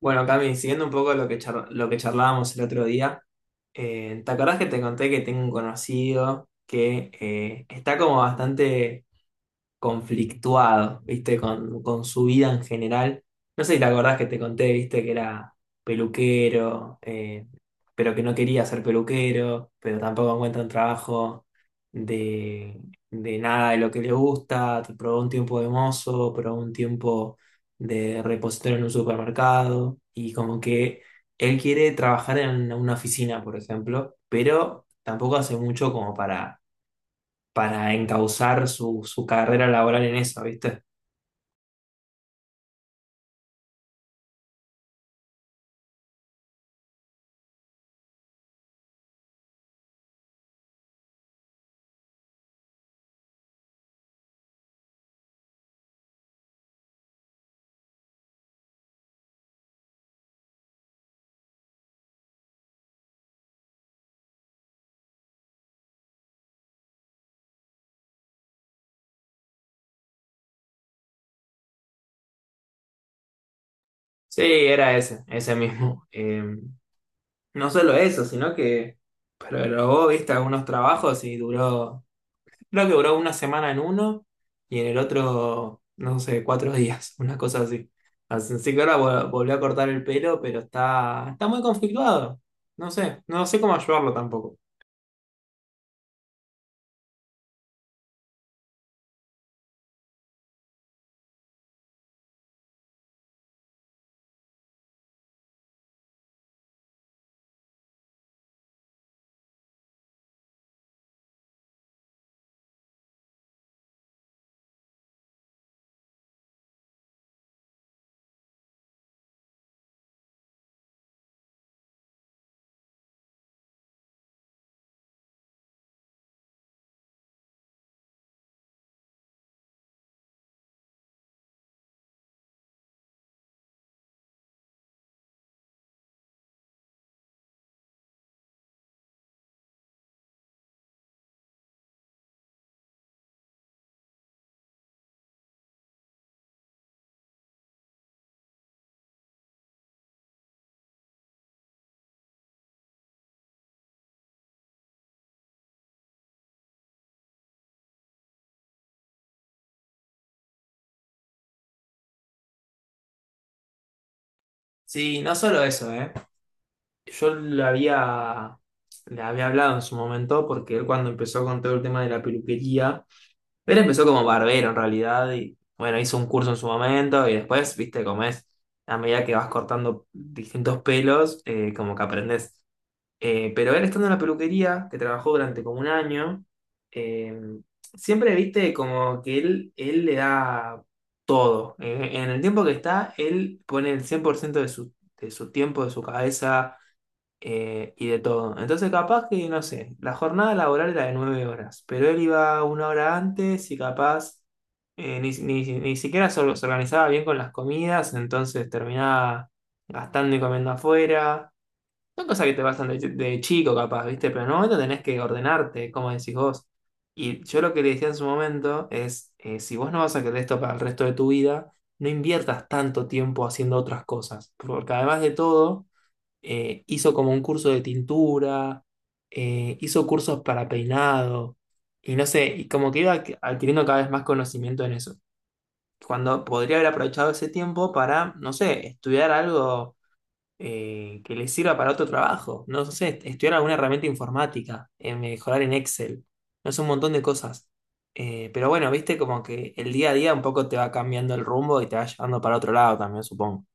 Bueno, Cami, siguiendo un poco lo que charlábamos el otro día, ¿te acordás que te conté que tengo un conocido que está como bastante conflictuado, ¿viste? Con su vida en general. No sé si te acordás que te conté, ¿viste? Que era peluquero, pero que no quería ser peluquero, pero tampoco encuentra un trabajo de, de nada de lo que le gusta. Probó un tiempo de mozo, probó un tiempo de repositorio en un supermercado y como que él quiere trabajar en una oficina, por ejemplo, pero tampoco hace mucho como para encauzar su carrera laboral en eso, ¿viste? Sí, era ese, ese mismo. No solo eso, sino que probó, ¿viste? Algunos trabajos y duró, creo que duró una semana en uno y en el otro, no sé, cuatro días, una cosa así. Así así que ahora volvió a cortar el pelo, pero está muy conflictuado. No sé, no sé cómo ayudarlo tampoco. Sí, no solo eso, ¿eh? Yo le había hablado en su momento porque él cuando empezó con todo el tema de la peluquería, él empezó como barbero en realidad y bueno, hizo un curso en su momento y después, viste, como es, a medida que vas cortando distintos pelos, como que aprendes. Pero él estando en la peluquería, que trabajó durante como un año, eh, siempre, viste, como que él le da todo. En el tiempo que está, él pone el 100% de su tiempo, de su cabeza y de todo. Entonces, capaz que, no sé, la jornada laboral era de 9 horas, pero él iba una hora antes y capaz ni siquiera se organizaba bien con las comidas, entonces terminaba gastando y comiendo afuera. Son cosas que te pasan de chico, capaz, ¿viste? Pero en un momento tenés que ordenarte, como decís vos. Y yo lo que le decía en su momento es, si vos no vas a querer esto para el resto de tu vida, no inviertas tanto tiempo haciendo otras cosas, porque además de todo hizo como un curso de tintura, hizo cursos para peinado, y no sé, y como que iba adquiriendo cada vez más conocimiento en eso. Cuando podría haber aprovechado ese tiempo para, no sé, estudiar algo que le sirva para otro trabajo, no sé, estudiar alguna herramienta informática, mejorar en Excel, no sé, un montón de cosas. Pero bueno, viste como que el día a día un poco te va cambiando el rumbo y te va llevando para otro lado también, supongo.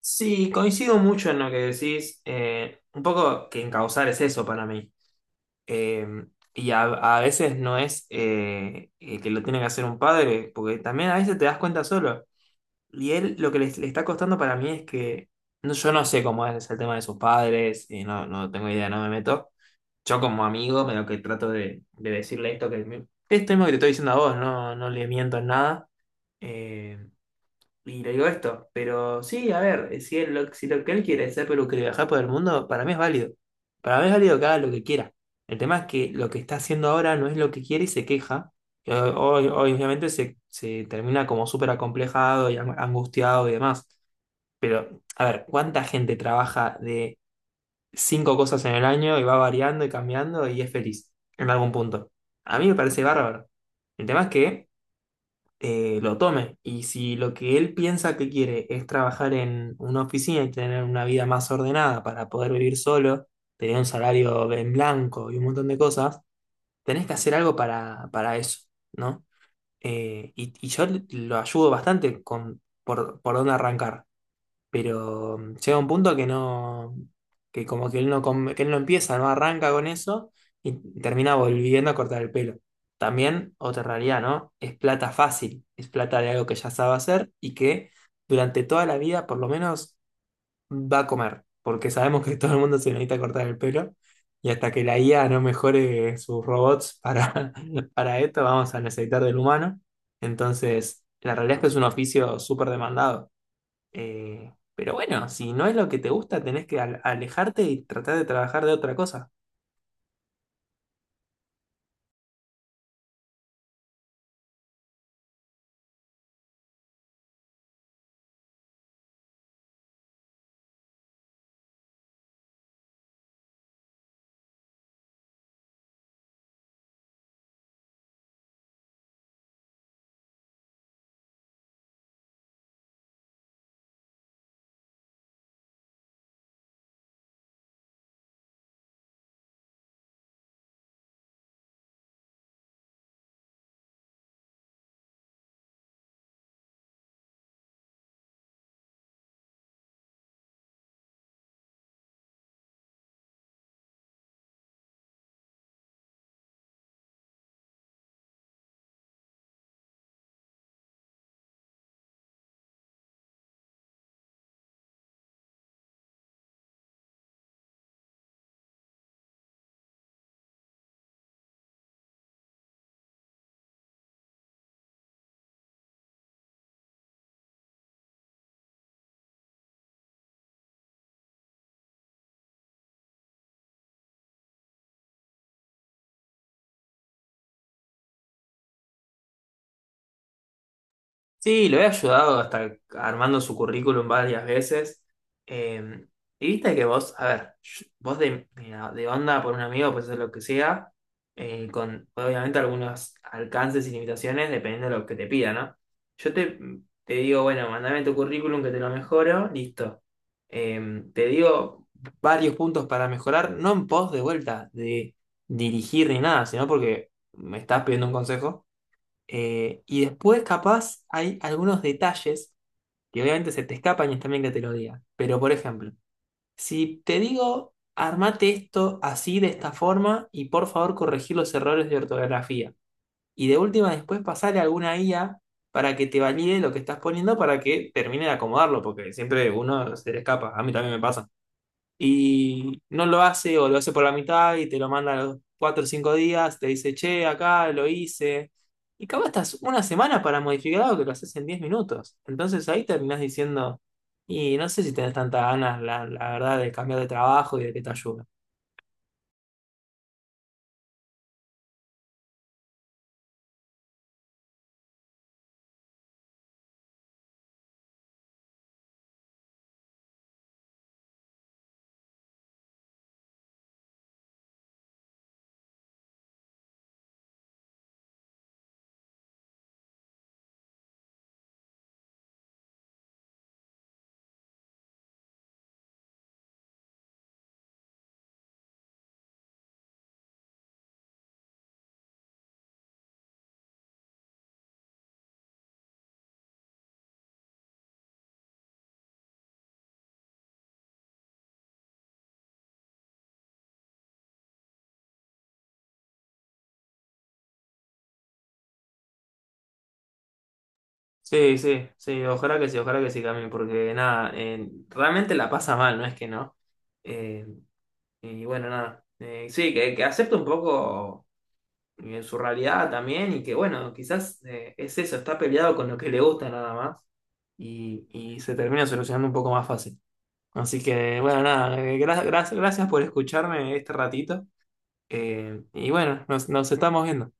Sí, coincido mucho en lo que decís. Un poco que encauzar es eso para mí. Eh, y a veces no es que lo tiene que hacer un padre, porque también a veces te das cuenta solo. Y él lo que le está costando para mí es que no, yo no sé cómo es el tema de sus padres, y no, no tengo idea, no me meto. Yo como amigo me lo que trato de decirle esto esto mismo que te estoy diciendo a vos, no, no le miento en nada. eh, y le digo esto, pero sí, a ver, si lo que él quiere es ser peluquero y viajar por el mundo, para mí es válido. Para mí es válido que haga lo que quiera. El tema es que lo que está haciendo ahora no es lo que quiere y se queja. Y obviamente se termina como súper acomplejado y angustiado y demás. Pero, a ver, ¿cuánta gente trabaja de cinco cosas en el año y va variando y cambiando y es feliz en algún punto? A mí me parece bárbaro. El tema es que lo tome. Y si lo que él piensa que quiere es trabajar en una oficina y tener una vida más ordenada para poder vivir solo, tener un salario en blanco y un montón de cosas, tenés que hacer algo para eso, ¿no? Y yo lo ayudo bastante con por dónde arrancar pero llega un punto que no, que como que él no, que él no empieza, no arranca con eso y termina volviendo a cortar el pelo. También, otra realidad, ¿no? Es plata fácil, es plata de algo que ya sabe hacer y que durante toda la vida por lo menos va a comer, porque sabemos que todo el mundo se necesita cortar el pelo y hasta que la IA no mejore sus robots para, para esto vamos a necesitar del humano. Entonces, la realidad es que es un oficio súper demandado. Pero bueno, si no es lo que te gusta, tenés que alejarte y tratar de trabajar de otra cosa. Sí, lo he ayudado hasta armando su currículum varias veces. Eh, y viste que vos, a ver, vos de, mira, de onda por un amigo, pues es lo que sea, con obviamente algunos alcances y limitaciones dependiendo de lo que te pida, ¿no? Yo te digo, bueno, mandame tu currículum que te lo mejoro, listo. Te digo varios puntos para mejorar, no en pos de vuelta, de dirigir ni nada, sino porque me estás pidiendo un consejo. Y después, capaz, hay algunos detalles que obviamente se te escapan y está bien que te lo diga. Pero, por ejemplo, si te digo, armate esto así, de esta forma, y por favor corregir los errores de ortografía. Y de última, después pasarle a alguna IA para que te valide lo que estás poniendo para que termine de acomodarlo, porque siempre uno se le escapa. A mí también me pasa y no lo hace o lo hace por la mitad y te lo manda a los 4 o 5 días, te dice, che, acá lo hice. Y capaz estás una semana para modificar algo que lo haces en 10 minutos. Entonces ahí terminás diciendo, y no sé si tenés tantas ganas, la verdad, de cambiar de trabajo y de que te ayude. Sí, sí, sí, ojalá que sí, ojalá que sí también, porque nada, realmente la pasa mal, no es que no. Eh, y bueno, nada. Sí, que acepto un poco en su realidad también, y que bueno, quizás es eso, está peleado con lo que le gusta nada más, y se termina solucionando un poco más fácil. Así que bueno, nada, gracias por escucharme este ratito, y bueno, nos estamos viendo.